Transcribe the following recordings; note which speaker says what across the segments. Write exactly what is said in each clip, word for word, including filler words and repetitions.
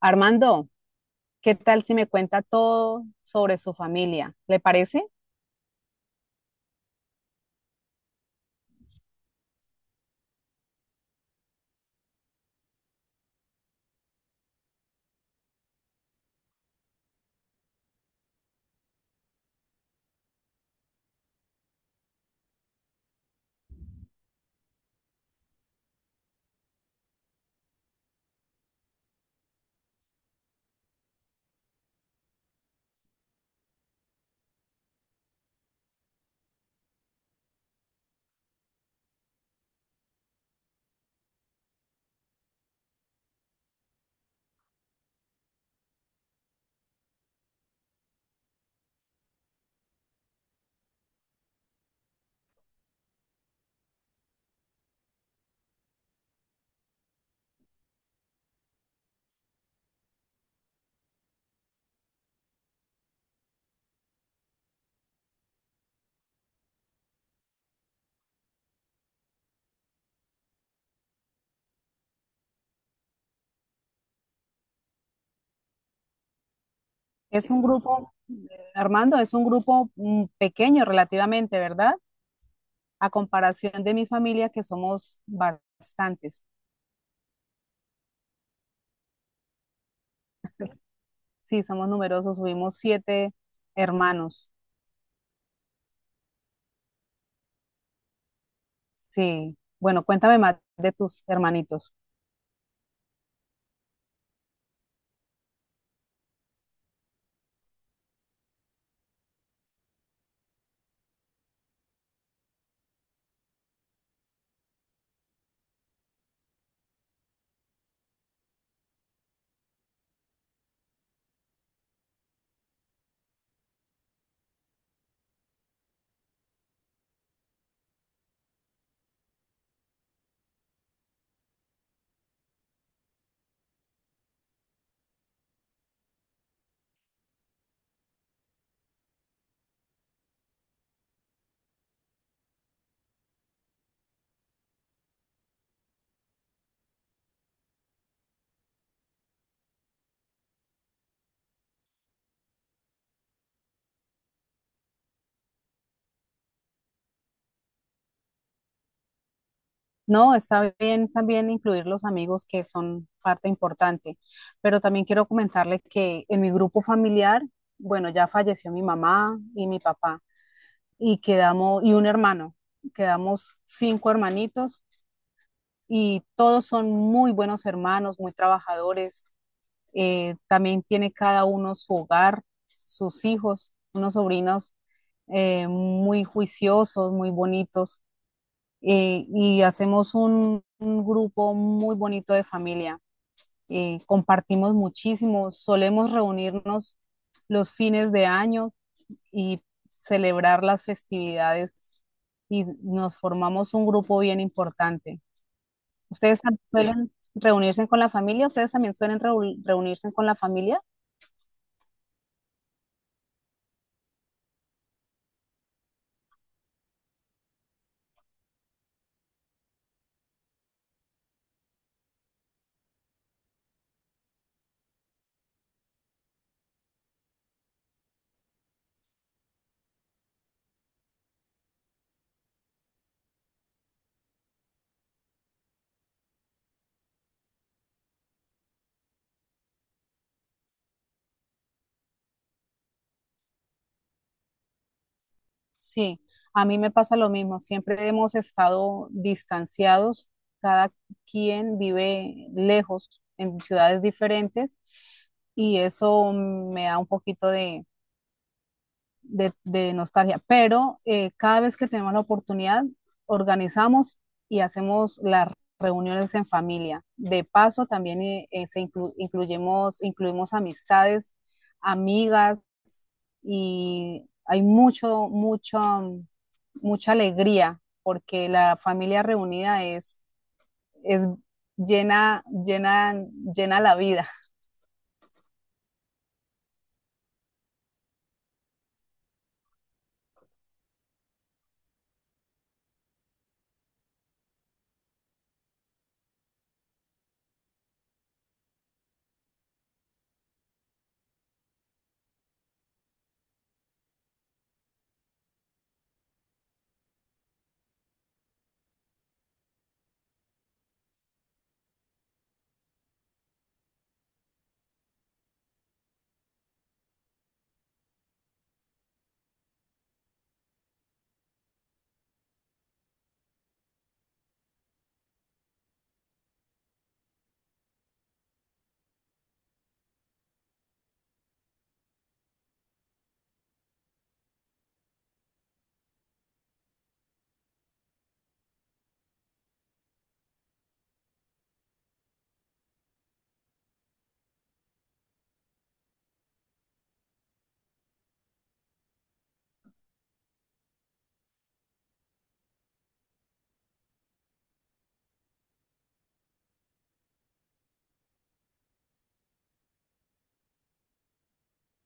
Speaker 1: Armando, ¿qué tal si me cuenta todo sobre su familia? ¿Le parece? Es un grupo, Armando, es un grupo mm, pequeño relativamente, ¿verdad? A comparación de mi familia, que somos bastantes. Sí, somos numerosos, subimos siete hermanos. Sí, bueno, cuéntame más de tus hermanitos. No, está bien también incluir los amigos que son parte importante, pero también quiero comentarle que en mi grupo familiar, bueno, ya falleció mi mamá y mi papá y quedamos y un hermano, quedamos cinco hermanitos y todos son muy buenos hermanos, muy trabajadores. Eh, también tiene cada uno su hogar, sus hijos, unos sobrinos eh, muy juiciosos, muy bonitos y, y hacemos un, un grupo muy bonito de familia. Y compartimos muchísimo, solemos reunirnos los fines de año y celebrar las festividades y nos formamos un grupo bien importante. ¿Ustedes tam- ¿suelen reunirse con la familia? ¿Ustedes también suelen reu- reunirse con la familia? Sí, a mí me pasa lo mismo. Siempre hemos estado distanciados, cada quien vive lejos en ciudades diferentes y eso me da un poquito de, de- de nostalgia. Pero eh, cada vez que tenemos la oportunidad, organizamos y hacemos las reuniones en familia. De paso, también eh, eh, se inclu- incluyemos, incluimos amistades, amigas y hay mucho, mucho, mm, mucha alegría porque la familia reunida es, es llena, llena, llena la vida.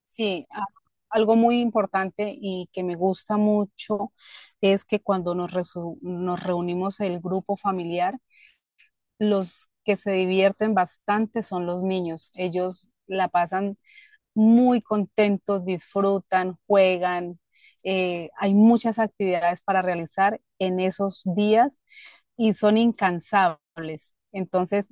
Speaker 1: Sí, a- algo muy importante y que me gusta mucho es que cuando nos, resu- nos reunimos el grupo familiar, los que se divierten bastante son los niños. Ellos la pasan muy contentos, disfrutan, juegan. Eh, hay muchas actividades para realizar en esos días y son incansables. Entonces,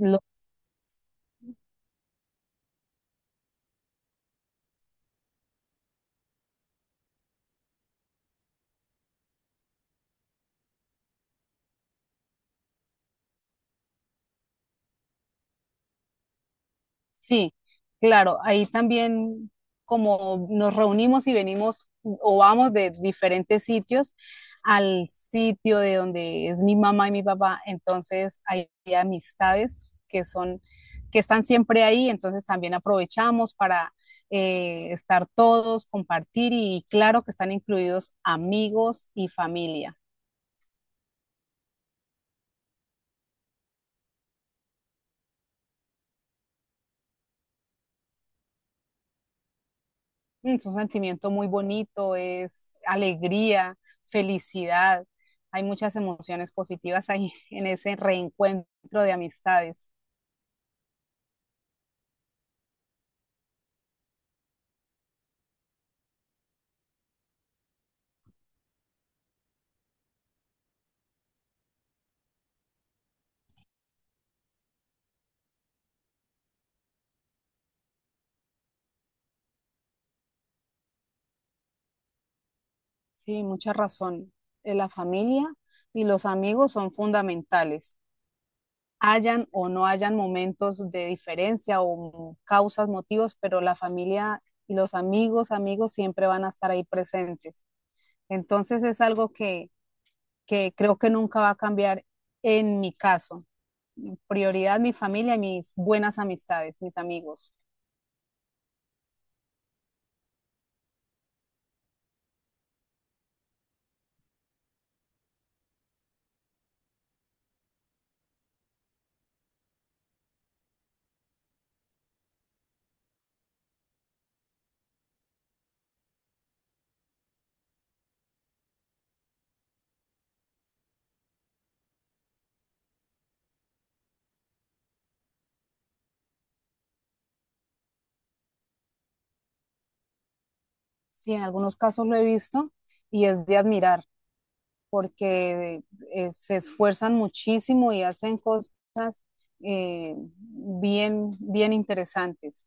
Speaker 1: sí, claro, ahí también como nos reunimos y venimos o vamos de diferentes sitios al sitio de donde es mi mamá y mi papá, entonces hay amistades que son, que están siempre ahí, entonces también aprovechamos para eh, estar todos, compartir y claro que están incluidos amigos y familia. Mm. Es un sentimiento muy bonito, es alegría, felicidad. Hay muchas emociones positivas ahí en ese reencuentro de amistades. Sí, mucha razón. Eh, La familia y los amigos son fundamentales. Hayan o no hayan momentos de diferencia o causas, motivos, pero la familia y los amigos, amigos siempre van a estar ahí presentes. Entonces es algo que, que creo que nunca va a cambiar en mi caso. Prioridad mi familia y mis buenas amistades, mis amigos. Sí, en algunos casos lo he visto y es de admirar porque eh, se esfuerzan muchísimo y hacen cosas eh, bien, bien interesantes.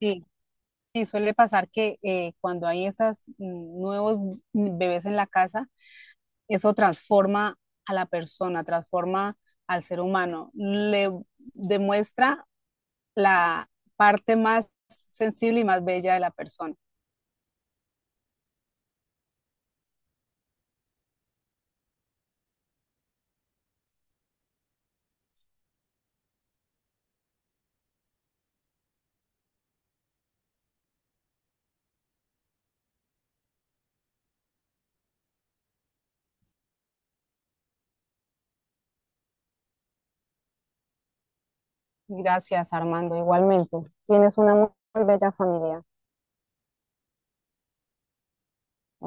Speaker 1: Sí, sí, suele pasar que eh, cuando hay esos nuevos bebés en la casa, eso transforma a la persona, transforma al ser humano, le demuestra la parte más sensible y más bella de la persona. Gracias, Armando. Igualmente, tienes una muy bella familia.